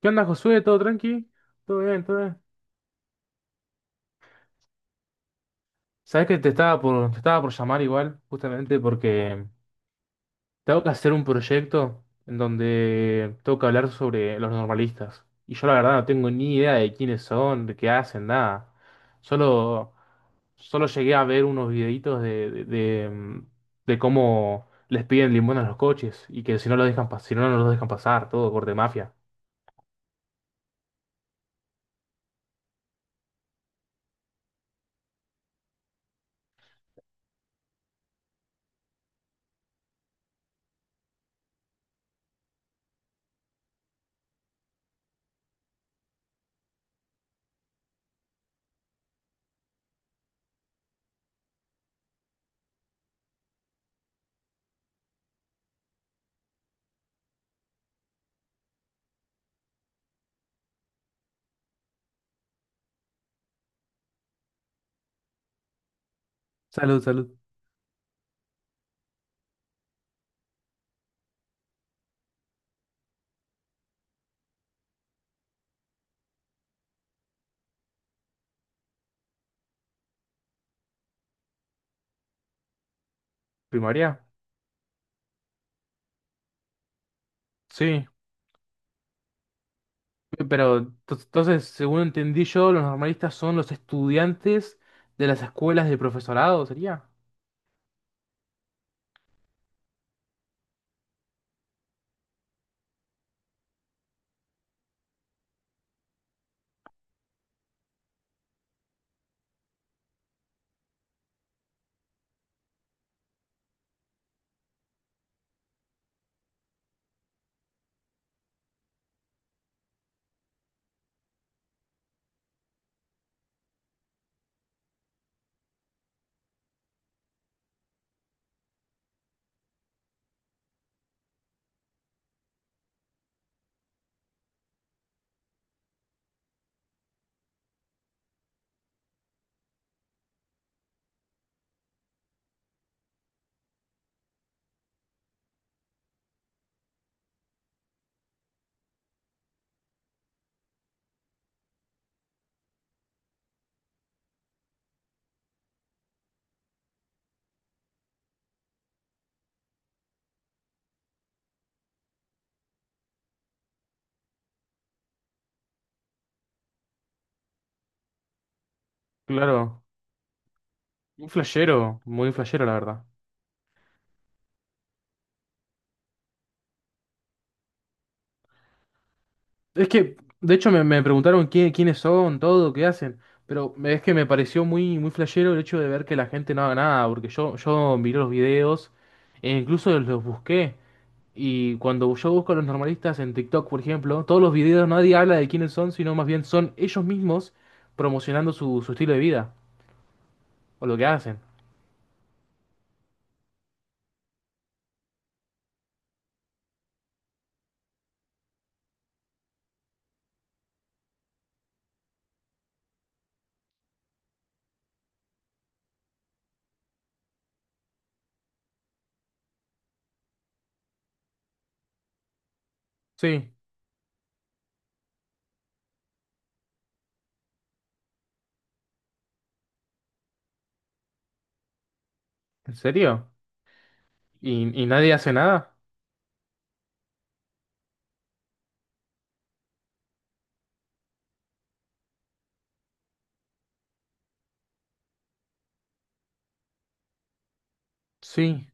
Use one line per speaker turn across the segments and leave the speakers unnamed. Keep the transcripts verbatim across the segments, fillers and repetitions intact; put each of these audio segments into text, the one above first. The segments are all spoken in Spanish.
¿Qué onda, Josué? ¿Todo tranqui? ¿Todo bien? ¿Todo bien? Sabes que te estaba por, te estaba por llamar igual, justamente porque tengo que hacer un proyecto en donde tengo que hablar sobre los normalistas. Y yo la verdad no tengo ni idea de quiénes son, de qué hacen, nada. Solo, solo llegué a ver unos videitos de, de, de, mm, de cómo les piden limosna a los coches y que si no los dejan, pas- si no, no los dejan pasar, todo corte mafia. Salud, salud. ¿Primaria? Sí. Pero to- entonces, según entendí yo, los normalistas son los estudiantes de las escuelas de profesorado, ¿sería? Claro, un flashero, muy flashero, la verdad. Es que, de hecho, me, me preguntaron quién- quiénes son, todo, qué hacen, pero me- es que me pareció muy, muy flashero el hecho de ver que la gente no haga nada, porque yo, yo miré los videos e incluso los busqué. Y cuando yo busco a los normalistas en TikTok, por ejemplo, todos los videos nadie habla de quiénes son, sino más bien son ellos mismos promocionando su, su estilo de vida. O lo que hacen. Sí. ¿En serio? ¿Y, y nadie hace nada? Sí.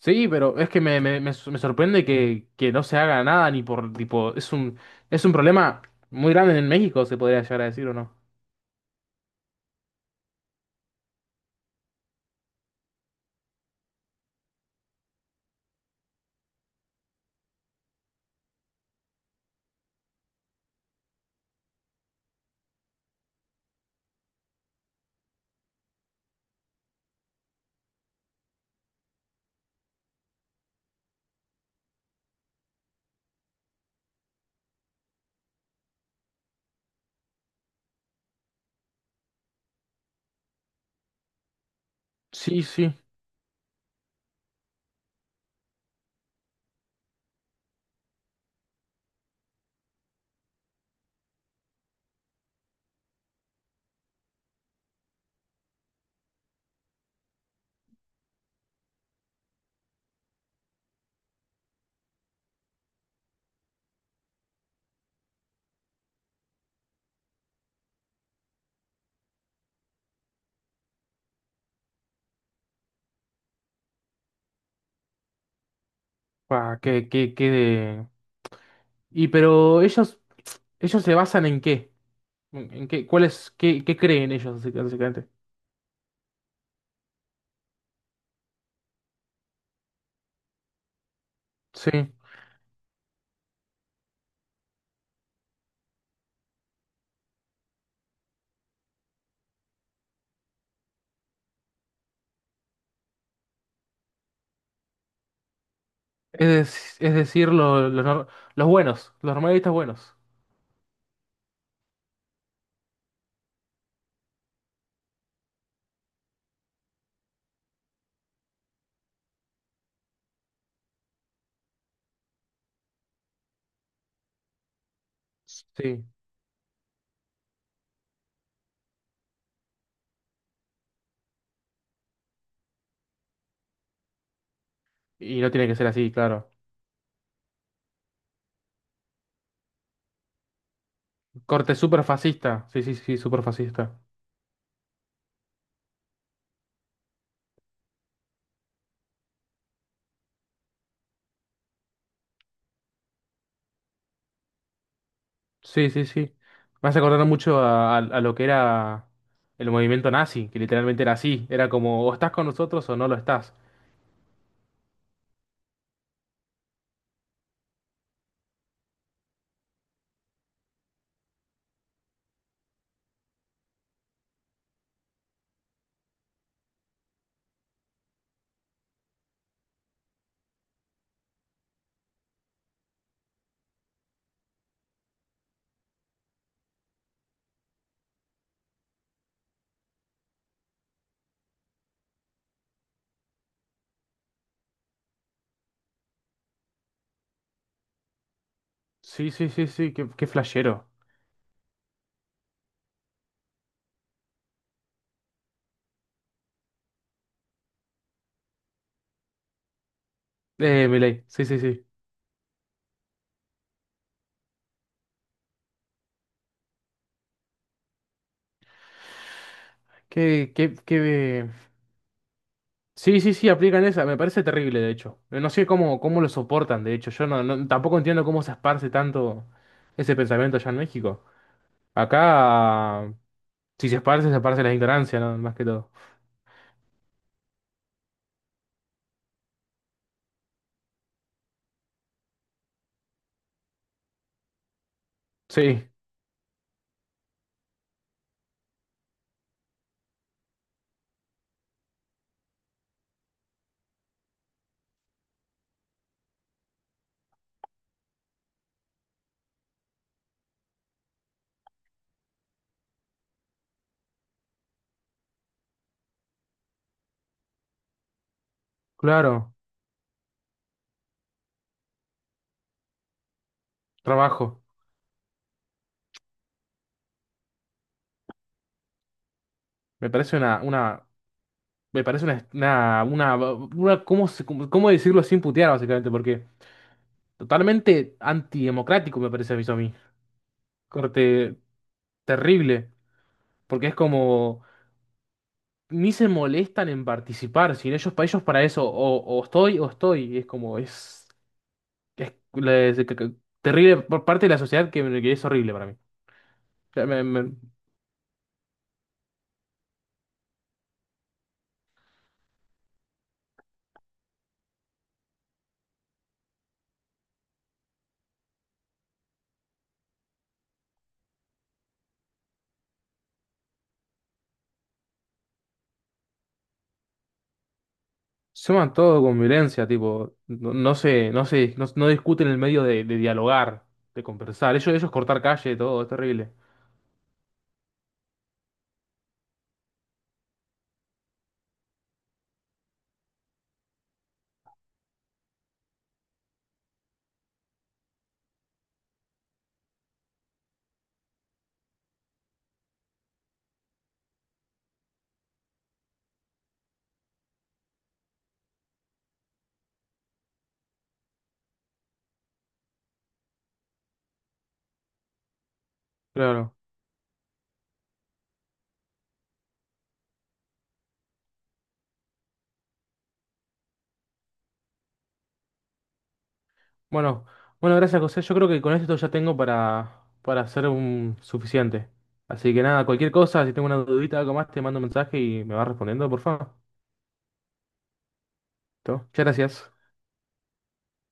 Sí, pero es que me, me, me s- me sorprende que, que no se haga nada ni por tipo. Es un, es un problema muy grande en México, se podría llegar a decir, ¿o no? Sí, sí. Pa, que, que, que de- y pero ellos, ellos se basan ¿en qué? ¿En en qué? ¿Cuál es, qué, qué creen ellos, basic- básicamente? Sí. Es, dec- es decir, lo- los, nor- los buenos, los normalistas buenos. Sí. Y no tiene que ser así, claro. Corte súper fascista. Sí, sí, sí, súper fascista. Sí, sí, sí. Me hace acordar mucho a, a- a lo que era el movimiento nazi, que literalmente era así. Era como, o estás con nosotros o no lo estás. Sí, sí, sí, sí, qué, qué flashero. Eh, Milei, sí, sí, sí. Qué, qué, qué... Sí, sí, sí, aplican esa. Me parece terrible, de hecho. No sé cómo, cómo lo soportan, de hecho. Yo no, no- tampoco entiendo cómo se esparce tanto ese pensamiento allá en México. Acá, si se esparce, se esparce la ignorancia, ¿no? Más que todo. Sí, claro, trabajo. Me parece una, una, me parece una, una, una, una- ¿cómo, se- cómo cómo decirlo sin putear, básicamente? Porque totalmente antidemocrático me parece eso a mí. Corte terrible. Porque es como, ni se molestan en participar, si no, ellos, para ellos para eso, o, o estoy o estoy, y es como, es, es, la- es- terrible por parte de la sociedad que, que es horrible para mí. Sea, me- me- suman todo con violencia, tipo, no, no se, no se, no, no discuten en el medio de, de dialogar, de conversar. Ellos, ellos cortar calle, todo, es terrible. Claro. Bueno, bueno, gracias, José. Yo creo que con esto ya tengo para, para hacer un suficiente. Así que nada, cualquier cosa, si tengo una dudita, algo más, te mando un mensaje y me vas respondiendo, por favor. ¿Todo? Muchas gracias.